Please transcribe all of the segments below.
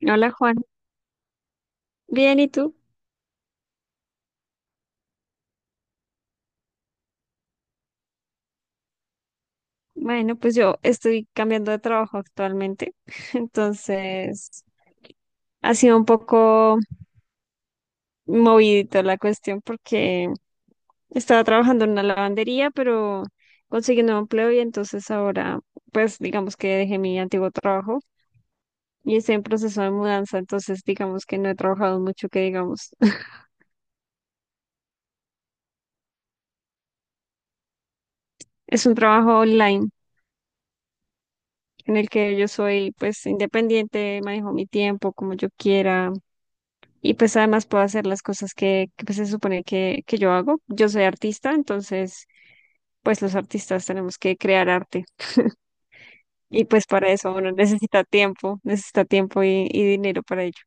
Hola Juan, bien, ¿y tú? Bueno, pues yo estoy cambiando de trabajo actualmente, entonces ha sido un poco movidito la cuestión porque estaba trabajando en una lavandería, pero conseguí un nuevo empleo y entonces ahora, pues digamos que dejé mi antiguo trabajo y estoy en proceso de mudanza, entonces digamos que no he trabajado mucho, que digamos. Es un trabajo online en el que yo soy pues independiente, manejo mi tiempo como yo quiera. Y pues además puedo hacer las cosas que, pues, se supone que yo hago. Yo soy artista, entonces pues los artistas tenemos que crear arte. Y pues para eso uno necesita tiempo y dinero para ello.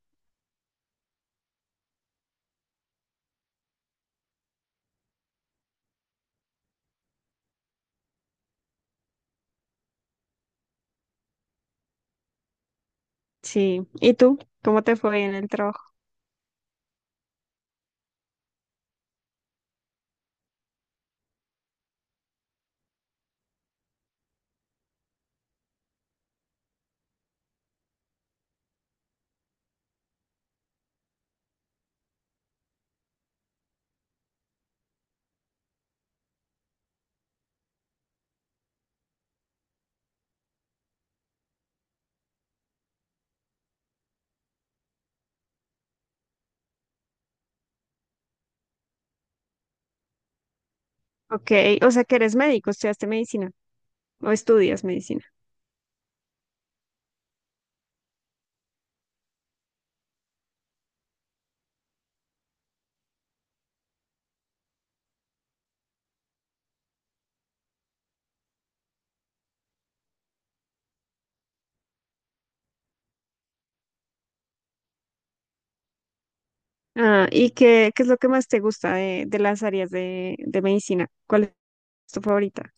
Sí. ¿Y tú? ¿Cómo te fue en el trabajo? Ok, o sea que eres médico, estudiaste medicina o estudias medicina. Ah, ¿y qué es lo que más te gusta de las áreas de medicina? ¿Cuál es tu favorita?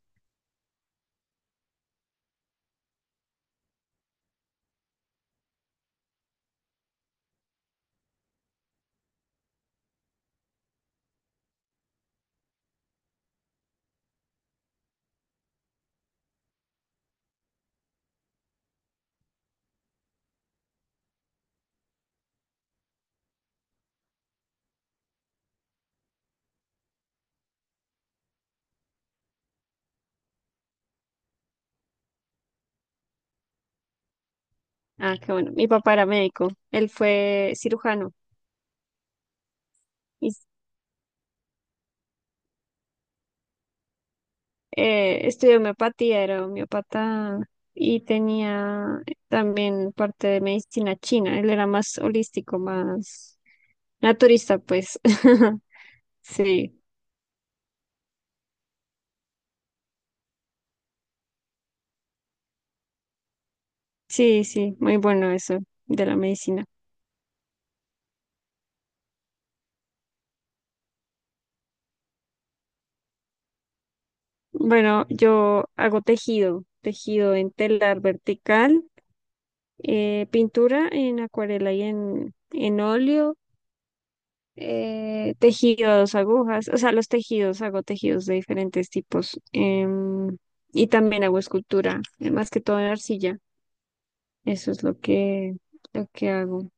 Ah, qué bueno. Mi papá era médico, él fue cirujano. Estudié homeopatía, era homeopata y tenía también parte de medicina china. Él era más holístico, más naturista, pues. Sí, sí, sí, muy bueno eso de la medicina. Bueno, yo hago tejido, tejido en telar vertical, pintura en acuarela y en óleo, tejidos, agujas, o sea, los tejidos, hago tejidos de diferentes tipos. Y también hago escultura, más que todo en arcilla. Eso es lo que hago.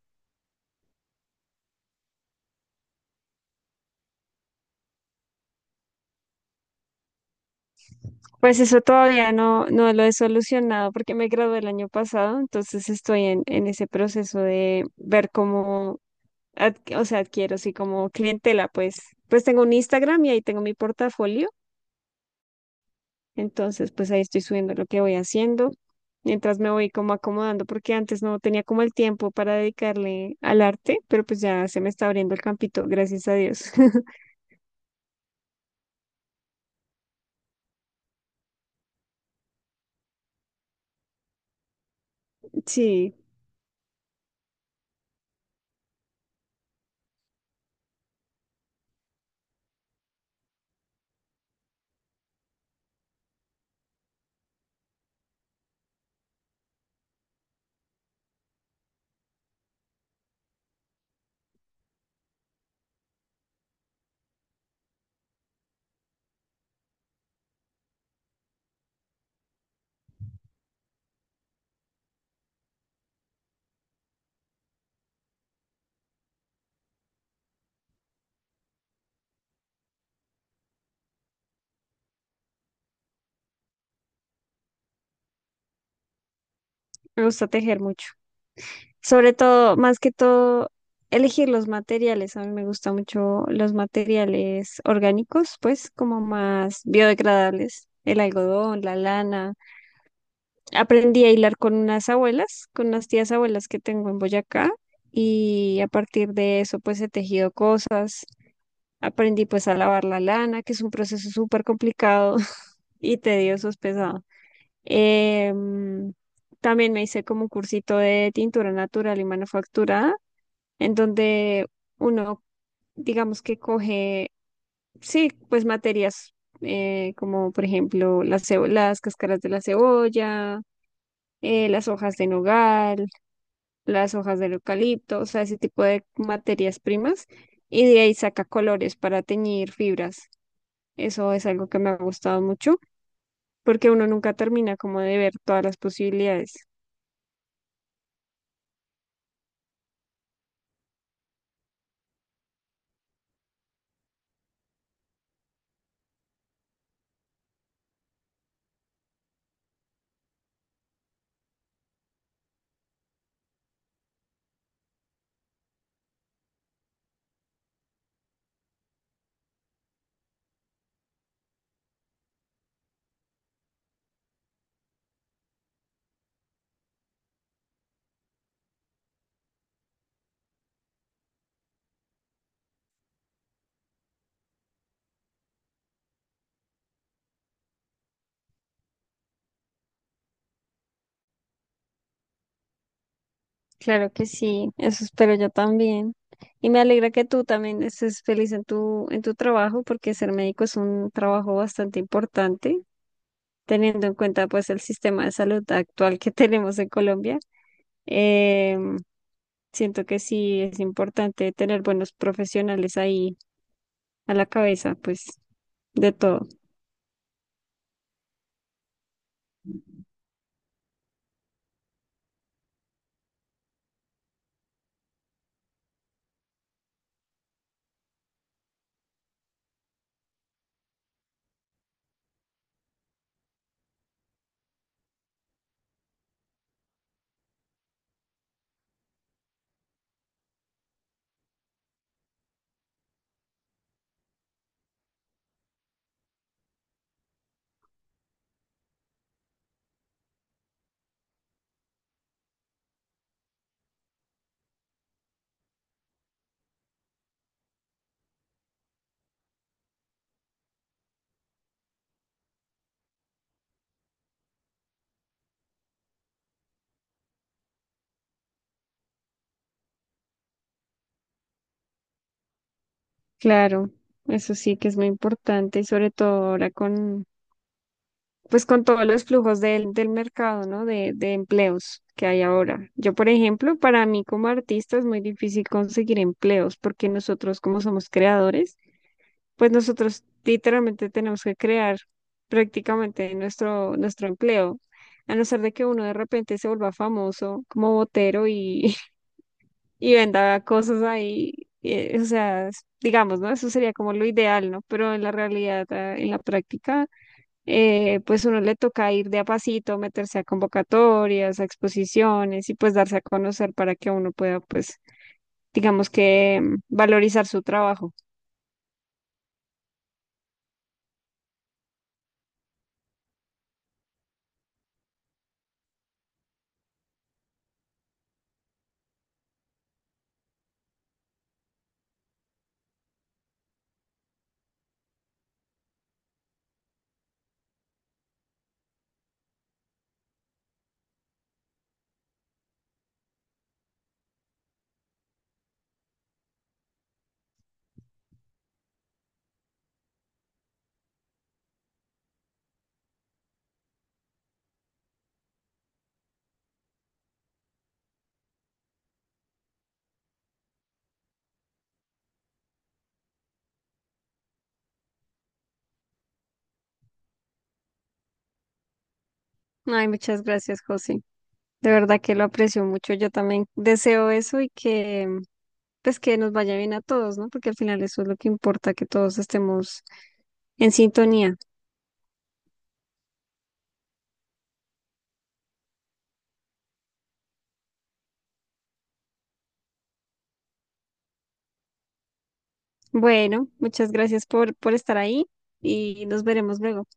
Pues eso todavía no lo he solucionado porque me gradué el año pasado, entonces estoy en ese proceso de ver cómo, o sea, adquiero así como clientela, pues. Pues tengo un Instagram y ahí tengo mi portafolio. Entonces, pues ahí estoy subiendo lo que voy haciendo, mientras me voy como acomodando, porque antes no tenía como el tiempo para dedicarle al arte, pero pues ya se me está abriendo el campito, gracias a Dios. Sí, me gusta tejer mucho. Sobre todo, más que todo, elegir los materiales. A mí me gustan mucho los materiales orgánicos, pues como más biodegradables, el algodón, la lana. Aprendí a hilar con unas abuelas, con unas tías abuelas que tengo en Boyacá y a partir de eso pues he tejido cosas. Aprendí pues a lavar la lana, que es un proceso súper complicado y tedioso, es pesado. Em, También me hice como un cursito de tintura natural y manufacturada, en donde uno, digamos que coge, sí, pues materias como por ejemplo las, las cáscaras de la cebolla, las hojas de nogal, las hojas del eucalipto, o sea, ese tipo de materias primas, y de ahí saca colores para teñir fibras. Eso es algo que me ha gustado mucho, porque uno nunca termina como de ver todas las posibilidades. Claro que sí, eso espero yo también. Y me alegra que tú también estés feliz en tu trabajo, porque ser médico es un trabajo bastante importante, teniendo en cuenta pues el sistema de salud actual que tenemos en Colombia. Em, Siento que sí es importante tener buenos profesionales ahí a la cabeza, pues de todo. Claro, eso sí que es muy importante y sobre todo ahora con, pues con todos los flujos del mercado, ¿no? De empleos que hay ahora. Yo, por ejemplo, para mí como artista es muy difícil conseguir empleos porque nosotros como somos creadores, pues nosotros literalmente tenemos que crear prácticamente nuestro empleo. A no ser de que uno de repente se vuelva famoso como botero y, y venda cosas ahí, o sea, digamos, ¿no? Eso sería como lo ideal, ¿no? Pero en la realidad, ah, en la práctica, pues uno le toca ir de a pasito, meterse a convocatorias, a exposiciones y pues darse a conocer para que uno pueda, pues, digamos que valorizar su trabajo. Ay, muchas gracias, José. De verdad que lo aprecio mucho. Yo también deseo eso y que pues que nos vaya bien a todos, ¿no? Porque al final eso es lo que importa, que todos estemos en sintonía. Bueno, muchas gracias por estar ahí y nos veremos luego.